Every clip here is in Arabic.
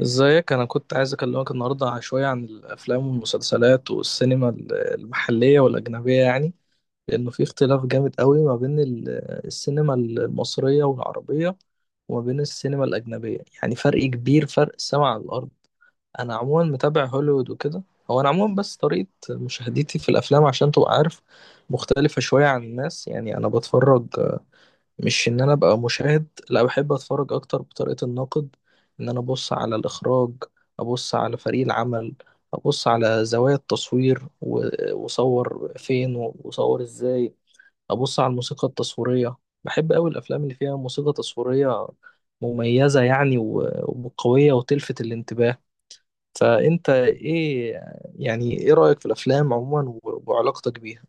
ازيك. انا كنت عايز اكلمك النهارده شويه عن الافلام والمسلسلات والسينما المحليه والاجنبيه يعني. لانه في اختلاف جامد قوي ما بين السينما المصريه والعربيه، وما بين السينما الاجنبيه، يعني فرق كبير، فرق السما على الارض. انا عموما متابع هوليوود وكده. هو انا عموما بس طريقه مشاهدتي في الافلام عشان تبقى عارف مختلفه شويه عن الناس، يعني انا بتفرج مش ان انا ابقى مشاهد، لا، بحب اتفرج اكتر بطريقة الناقد، ان انا ابص على الاخراج، ابص على فريق العمل، ابص على زوايا التصوير وصور فين وصور ازاي، ابص على الموسيقى التصويرية. بحب قوي الافلام اللي فيها موسيقى تصويرية مميزة يعني وقوية وتلفت الانتباه. فانت ايه، يعني ايه رأيك في الافلام عموما وعلاقتك بيها؟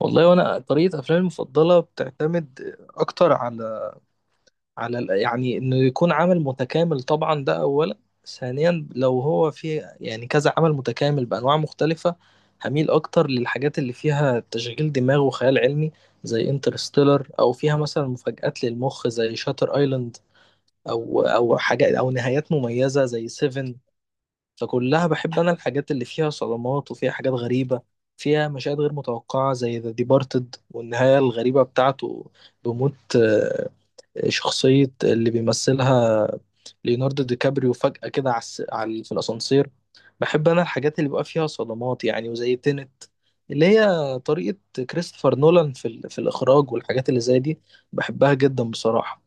والله وانا طريقة افلامي المفضلة بتعتمد اكتر على يعني انه يكون عمل متكامل، طبعا ده اولا. ثانيا لو هو فيه يعني كذا عمل متكامل بانواع مختلفه، هميل اكتر للحاجات اللي فيها تشغيل دماغ وخيال علمي زي انترستيلر، او فيها مثلا مفاجآت للمخ زي شاتر ايلاند، او حاجات او نهايات مميزه زي سيفن. فكلها بحب انا الحاجات اللي فيها صدمات وفيها حاجات غريبه، فيها مشاهد غير متوقعه زي ذا ديبارتد والنهايه الغريبه بتاعته، بموت شخصية اللي بيمثلها ليوناردو دي كابريو فجأة كده في الأسانسير. بحب أنا الحاجات اللي بيبقى فيها صدمات يعني، وزي تينت اللي هي طريقة كريستوفر نولان في في الإخراج والحاجات اللي زي دي. بحبها جدا بصراحة.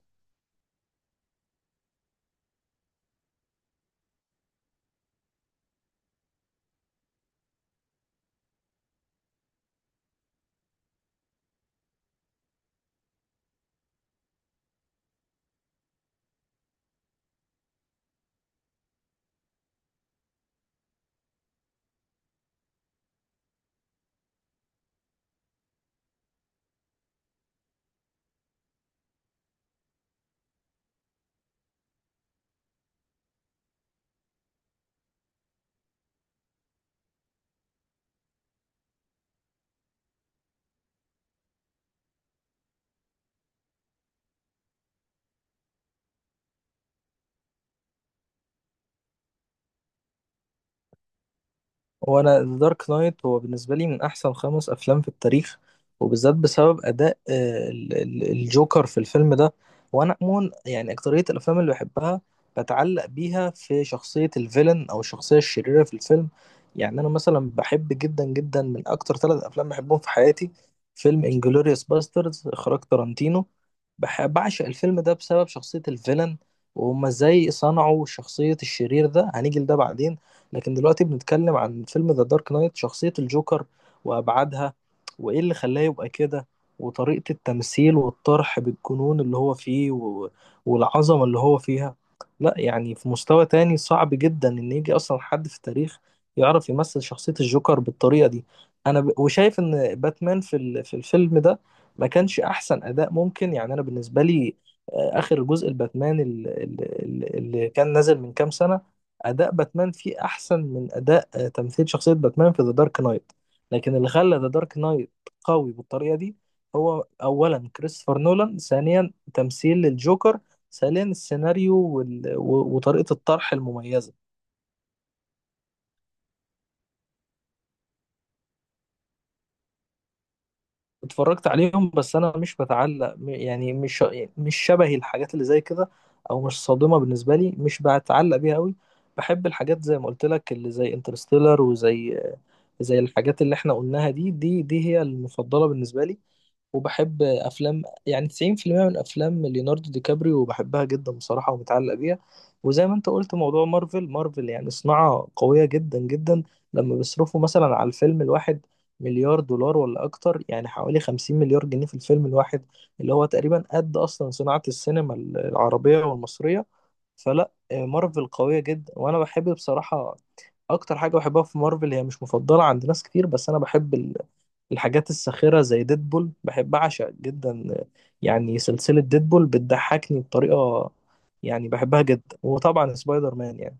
هو انا ذا دارك نايت هو بالنسبه لي من احسن 5 افلام في التاريخ، وبالذات بسبب اداء الجوكر في الفيلم ده. وانا عموما يعني اكتريه الافلام اللي بحبها بتعلق بيها في شخصيه الفيلن او الشخصيه الشريره في الفيلم. يعني انا مثلا بحب جدا جدا، من اكتر 3 افلام بحبهم في حياتي فيلم انجلوريوس باسترز اخراج تارانتينو. بعشق الفيلم ده بسبب شخصيه الفيلن، وهما ازاي صنعوا شخصيه الشرير ده، هنيجي لده بعدين. لكن دلوقتي بنتكلم عن فيلم ذا دارك نايت، شخصية الجوكر وأبعادها، وإيه اللي خلاه يبقى كده، وطريقة التمثيل والطرح بالجنون اللي هو فيه والعظمة اللي هو فيها. لا يعني في مستوى تاني صعب جدا إن يجي أصلا حد في التاريخ يعرف يمثل شخصية الجوكر بالطريقة دي. أنا وشايف إن باتمان في الفيلم ده ما كانش أحسن أداء ممكن، يعني أنا بالنسبة لي آخر جزء الباتمان اللي كان نازل من كام سنة، اداء باتمان فيه احسن من اداء تمثيل شخصيه باتمان في ذا دارك نايت. لكن اللي خلى ذا دارك نايت قوي بالطريقه دي هو اولا كريستوفر نولان، ثانيا تمثيل الجوكر، ثالثا السيناريو وطريقه الطرح المميزه. اتفرجت عليهم بس انا مش بتعلق يعني مش، مش شبهي الحاجات اللي زي كده او مش صادمه بالنسبه لي، مش بتعلق بيها قوي. بحب الحاجات زي ما قلت لك اللي زي انترستيلر وزي الحاجات اللي احنا قلناها دي، دي هي المفضله بالنسبه لي. وبحب افلام يعني 90% من افلام ليوناردو دي كابريو بحبها جدا بصراحة ومتعلق بيها. وزي ما انت قلت، موضوع مارفل يعني صناعة قوية جدا جدا. لما بيصرفوا مثلا على الفيلم الواحد مليار دولار ولا اكتر، يعني حوالي 50 مليار جنيه في الفيلم الواحد، اللي هو تقريبا قد اصلا صناعة السينما العربية والمصرية. فلا مارفل قوية جدا. وانا بحب بصراحة، اكتر حاجة بحبها في مارفل هي مش مفضلة عند ناس كتير، بس انا بحب الحاجات الساخرة زي ديدبول، بحب أعشق جدا يعني سلسلة ديدبول، بتضحكني بطريقة يعني بحبها جدا. وطبعا سبايدر مان يعني.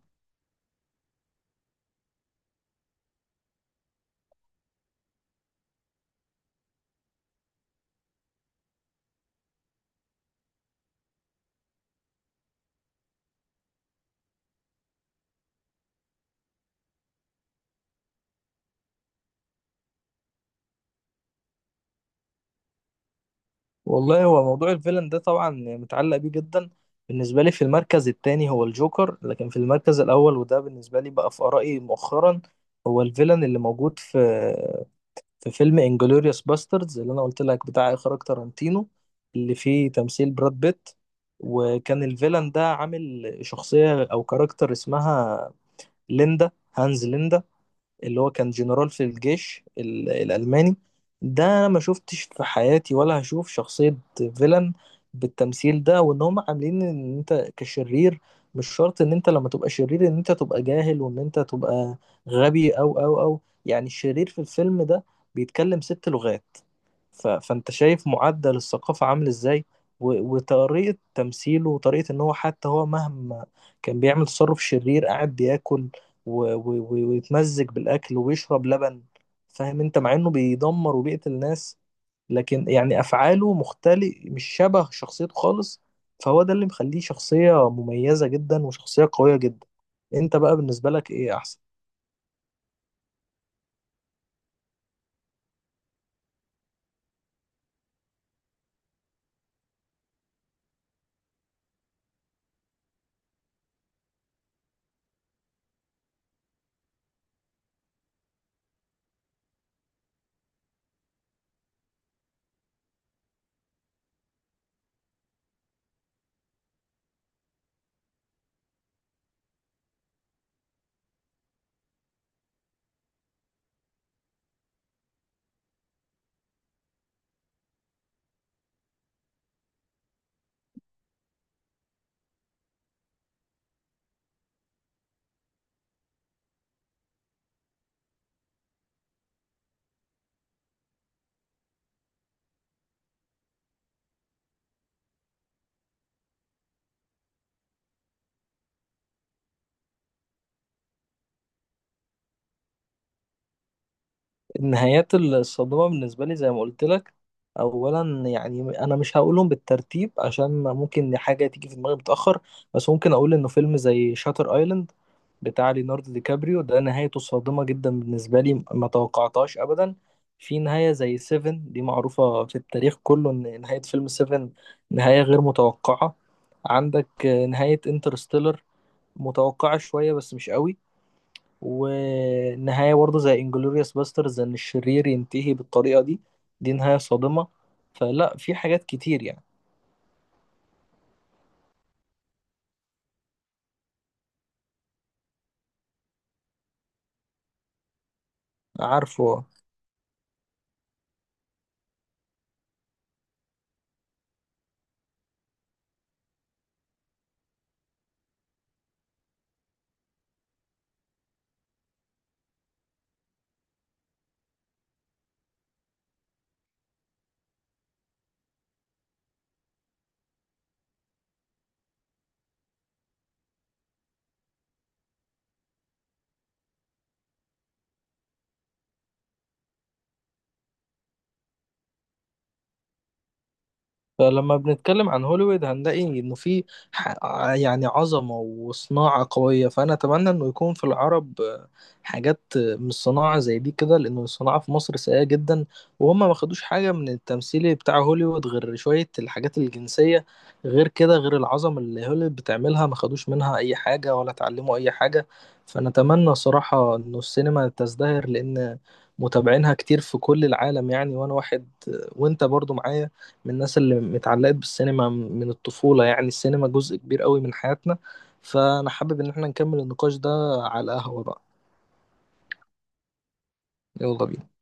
والله هو موضوع الفيلن ده طبعا متعلق بيه جدا. بالنسبة لي في المركز التاني هو الجوكر، لكن في المركز الأول، وده بالنسبة لي بقى في آرائي مؤخرا، هو الفيلن اللي موجود في فيلم انجلوريوس باستردز اللي انا قلت لك بتاع اخراج تارانتينو، اللي فيه تمثيل براد بيت. وكان الفيلان ده عامل شخصية او كاركتر اسمها ليندا هانز ليندا، اللي هو كان جنرال في الجيش الألماني. ده أنا ما شفتش في حياتي ولا هشوف شخصية فيلن بالتمثيل ده، وإن هم عاملين إن أنت كشرير مش شرط إن أنت لما تبقى شرير إن أنت تبقى جاهل، وإن أنت تبقى غبي أو يعني، الشرير في الفيلم ده بيتكلم 6 لغات، فانت شايف معدل الثقافة عامل ازاي، وطريقة تمثيله وطريقة ان هو، حتى هو مهما كان بيعمل تصرف شرير، قاعد بياكل ويتمزج بالاكل ويشرب لبن، فاهم انت، مع انه بيدمر وبيقتل ناس، لكن يعني افعاله مختلف، مش شبه شخصيته خالص. فهو ده اللي مخليه شخصية مميزة جدا وشخصية قوية جدا. انت بقى بالنسبة لك ايه احسن؟ النهايات الصادمة بالنسبة لي زي ما قلت لك، أولا يعني أنا مش هقولهم بالترتيب عشان ممكن حاجة تيجي في دماغي متأخر، بس ممكن أقول إنه فيلم زي شاتر أيلاند بتاع ليوناردو دي كابريو ده، نهايته صادمة جدا بالنسبة لي، ما توقعتهاش أبدا. في نهاية زي سيفن، دي معروفة في التاريخ كله إن نهاية فيلم سيفن نهاية غير متوقعة. عندك نهاية انترستيلر متوقعة شوية بس مش قوي. ونهاية برضه زي انجلوريوس باسترز ان الشرير ينتهي بالطريقة دي، دي نهاية صادمة. فلا في حاجات كتير يعني. عارفه. فلما بنتكلم عن هوليوود هنلاقي انه في ح- يعني عظمة وصناعة قوية، فانا اتمنى انه يكون في العرب حاجات من الصناعة زي دي كده، لانه الصناعة في مصر سيئة جدا. وهم ما خدوش حاجة من التمثيل بتاع هوليوود غير شوية الحاجات الجنسية، غير كده غير العظمة اللي هوليوود بتعملها ما خدوش منها اي حاجة ولا اتعلموا اي حاجة. فانا اتمنى صراحة انه السينما تزدهر، لان متابعينها كتير في كل العالم يعني. وانا واحد وانت برضو معايا من الناس اللي اتعلقت بالسينما من الطفولة، يعني السينما جزء كبير قوي من حياتنا. فأنا حابب إن احنا نكمل النقاش ده على القهوة بقى. يلا بينا.